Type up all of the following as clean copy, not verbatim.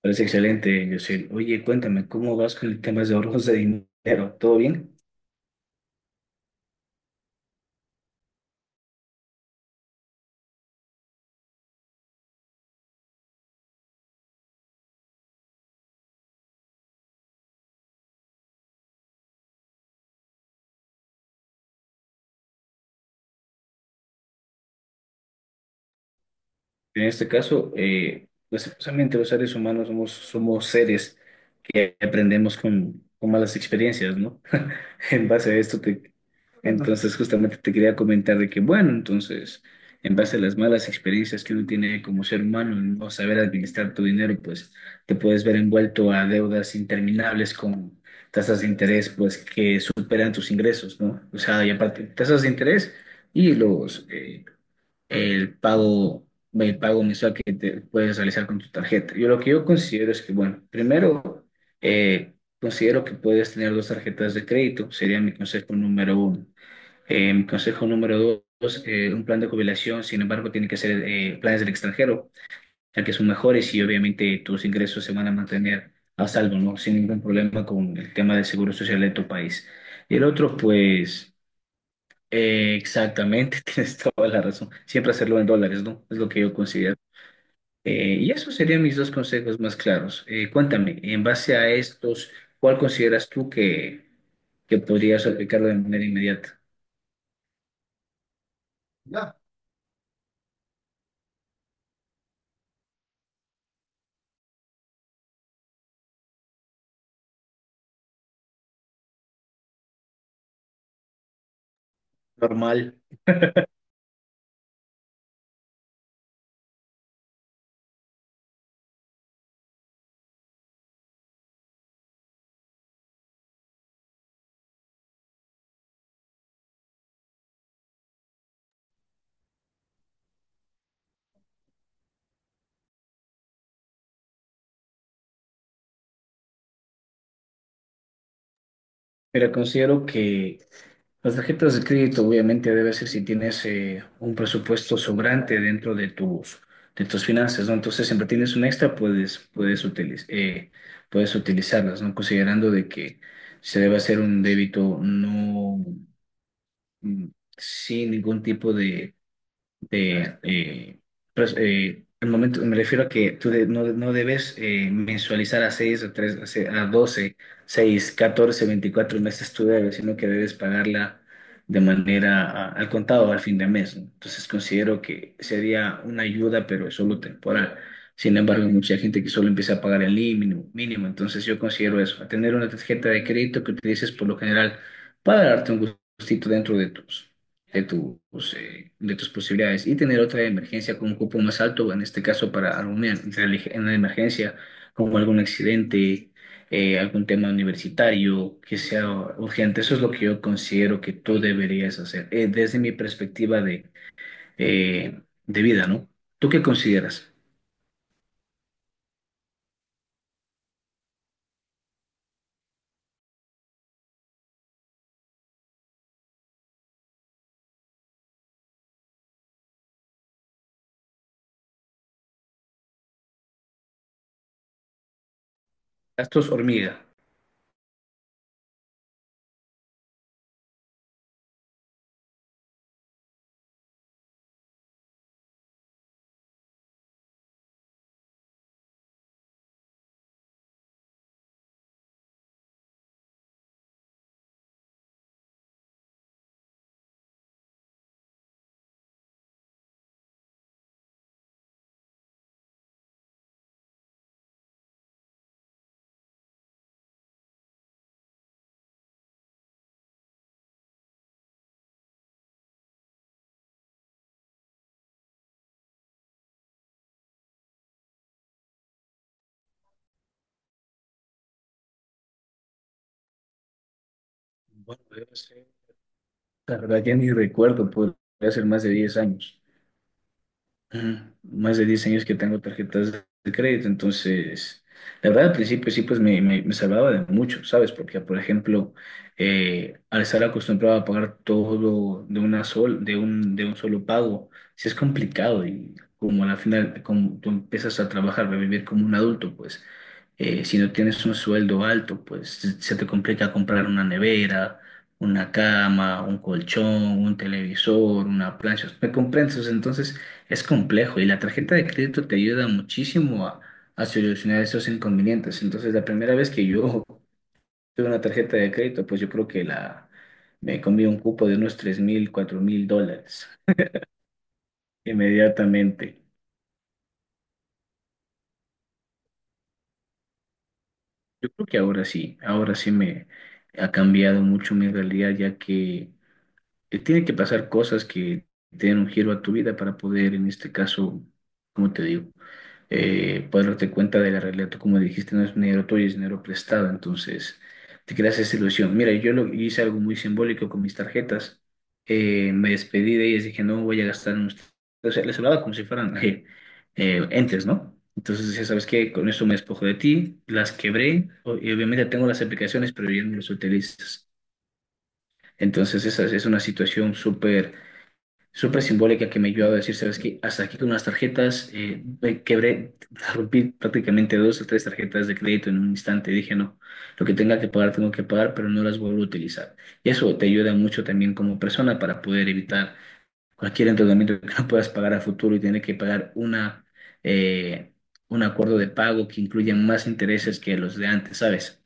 Parece excelente, Yosel. Oye, cuéntame, ¿cómo vas con el tema de ahorros de dinero? ¿Todo bien? En este caso, lastimosamente los seres humanos somos seres que aprendemos con malas experiencias, ¿no? En base a esto, entonces, justamente te quería comentar de que, bueno, entonces, en base a las malas experiencias que uno tiene como ser humano, en no saber administrar tu dinero, pues te puedes ver envuelto a deudas interminables con tasas de interés, pues que superan tus ingresos, ¿no? O sea, y aparte, tasas de interés y el pago, el pago mensual que te puedes realizar con tu tarjeta. Yo Lo que yo considero es que, bueno, primero, eh, considero que puedes tener dos tarjetas de crédito, sería mi consejo número uno. Consejo número dos, un plan de jubilación. Sin embargo, tiene que ser planes del extranjero, ya que son mejores y obviamente tus ingresos se van a mantener a salvo, ¿no? Sin ningún problema con el tema del seguro social de tu país. Y el otro, pues, exactamente, tienes toda la razón. Siempre hacerlo en dólares, ¿no? Es lo que yo considero. Y esos serían mis dos consejos más claros. Cuéntame, en base a estos, ¿cuál consideras tú que podrías aplicarlo de manera inmediata? Ya. Normal. Pero considero que las tarjetas de crédito obviamente debe ser si tienes un presupuesto sobrante dentro de tus finanzas, ¿no? Entonces, siempre tienes un extra, puedes utilizarlas, ¿no? Considerando de que se debe hacer un débito no, mm, sin ningún tipo de de, eh, al momento me refiero a que no, no debes mensualizar a 6 o 3 a 12, 6, 14, 24 meses tu debes, sino que debes pagarla de manera al contado al fin de mes, ¿no? Entonces considero que sería una ayuda, pero es solo temporal. Sin embargo, hay mucha gente que solo empieza a pagar el mínimo, mínimo. Entonces yo considero eso, a tener una tarjeta de crédito que utilices por lo general para darte un gustito dentro de tus posibilidades y tener otra emergencia con un cupo más alto, en este caso para una emergencia como algún accidente, algún tema universitario que sea urgente. Eso es lo que yo considero que tú deberías hacer, desde mi perspectiva de vida, ¿no? ¿Tú qué consideras? Gastos hormiga. Bueno, yo no sé. La verdad ya ni recuerdo, podría ser más de 10 años. Ajá. Más de 10 años que tengo tarjetas de crédito. Entonces, la verdad al principio sí, pues me salvaba de mucho, ¿sabes? Porque, por ejemplo, al estar acostumbrado a pagar todo de una sol, de un solo pago, sí es complicado y como al final, como tú empiezas a trabajar, a vivir como un adulto, pues, si no tienes un sueldo alto, pues se te complica comprar una nevera, una cama, un colchón, un televisor, una plancha. ¿Me comprendes? O sea, entonces, es complejo y la tarjeta de crédito te ayuda muchísimo a solucionar esos inconvenientes. Entonces, la primera vez que yo tuve una tarjeta de crédito, pues yo creo que la me comí un cupo de unos $3.000, $4.000 inmediatamente. Yo creo que ahora sí me ha cambiado mucho mi realidad, ya que tiene que pasar cosas que te den un giro a tu vida para poder, en este caso, ¿como te digo? Puedes darte cuenta de la realidad. Tú, como dijiste, no es dinero tuyo, es dinero prestado. Entonces, te creas esa ilusión. Mira, yo hice algo muy simbólico con mis tarjetas. Me despedí de ellas, dije, no voy a gastar en ustedes. O sea, les hablaba como si fueran entes, ¿no? Entonces decía, ¿sabes qué? Con esto me despojo de ti, las quebré, y obviamente tengo las aplicaciones, pero ya no las utilizas. Entonces, esa es una situación súper súper simbólica que me ayudó a decir, sabes que hasta aquí con las tarjetas, me quebré, rompí prácticamente dos o tres tarjetas de crédito en un instante. Dije, no, lo que tenga que pagar, tengo que pagar, pero no las vuelvo a utilizar. Y eso te ayuda mucho también como persona para poder evitar cualquier endeudamiento que no puedas pagar a futuro y tener que pagar eh, un acuerdo de pago que incluya más intereses que los de antes, ¿sabes?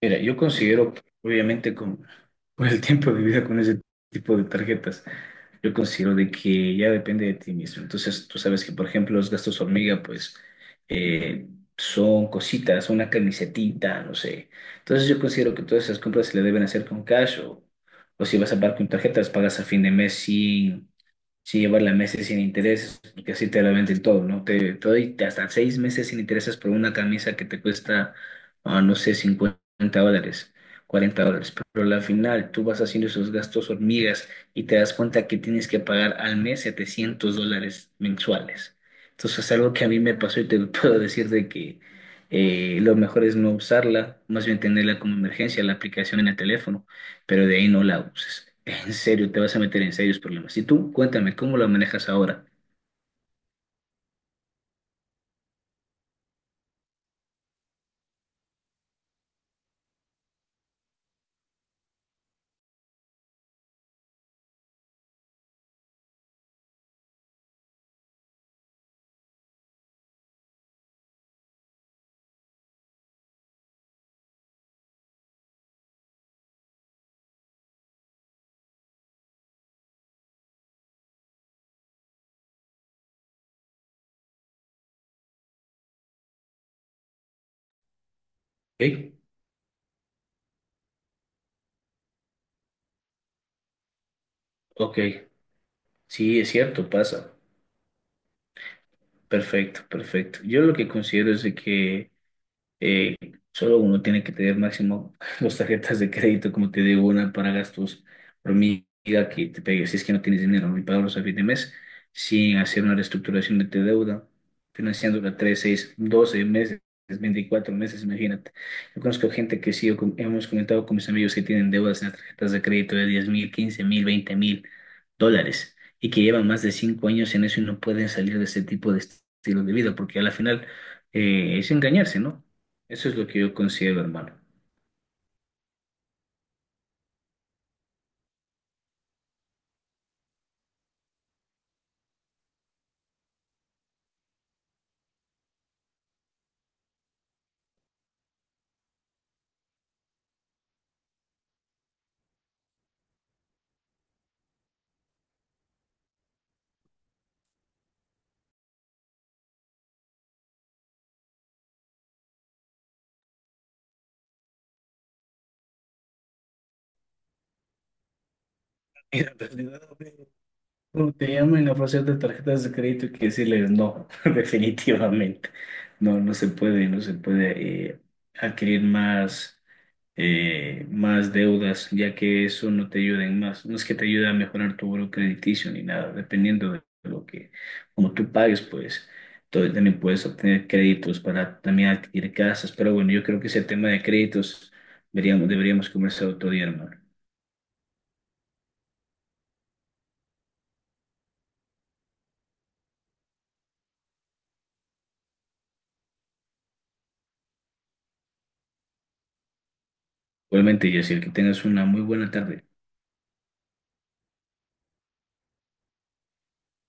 Mira, yo considero, obviamente, con el tiempo de vida con ese tipo de tarjetas. Yo considero de que ya depende de ti mismo. Entonces, tú sabes que, por ejemplo, los gastos hormiga, pues, eh, son cositas, una camisetita, no sé. Entonces, yo considero que todas esas compras se le deben hacer con cash o si vas a pagar con tarjetas, pagas a fin de mes. Sí, llevarla meses sin intereses, porque así te la venden todo, ¿no? Te doy hasta 6 meses sin intereses por una camisa que te cuesta, no sé, $50, $40. Pero al final tú vas haciendo esos gastos hormigas y te das cuenta que tienes que pagar al mes $700 mensuales. Entonces es algo que a mí me pasó y te lo puedo decir de que lo mejor es no usarla, más bien tenerla como emergencia, la aplicación en el teléfono, pero de ahí no la uses. En serio, te vas a meter en serios problemas. Y tú, cuéntame, ¿cómo la manejas ahora? Ok, ok, sí, es cierto, pasa. Perfecto, perfecto. Yo lo que considero es de que Eh, solo uno tiene que tener máximo dos tarjetas de crédito, como te digo, una para gastos hormiga que te pegue, si es que no tienes dinero, ni pagarlos a fin de mes, sin hacer una reestructuración de tu deuda, financiándola 3, 6, 12 meses, 24 meses, imagínate. Yo conozco gente que sí, hemos comentado con mis amigos que tienen deudas en las tarjetas de crédito de $10.000, $15.000, $20.000 y que llevan más de 5 años en eso y no pueden salir de ese tipo de estilo de vida, porque a la final es engañarse, ¿no? Eso es lo que yo considero, hermano. En realidad, cuando te llamen a ofrecer de tarjetas de crédito, hay que decirles no, definitivamente. No, no se puede, no se puede adquirir más deudas, ya que eso no te ayuda en más. No es que te ayude a mejorar tu buro crediticio ni nada, dependiendo de lo que, como tú pagues, pues. Entonces también puedes obtener créditos para también adquirir casas. Pero bueno, yo creo que ese tema de créditos deberíamos conversar otro día, hermano. Igualmente, Jessica, que tengas una muy buena tarde.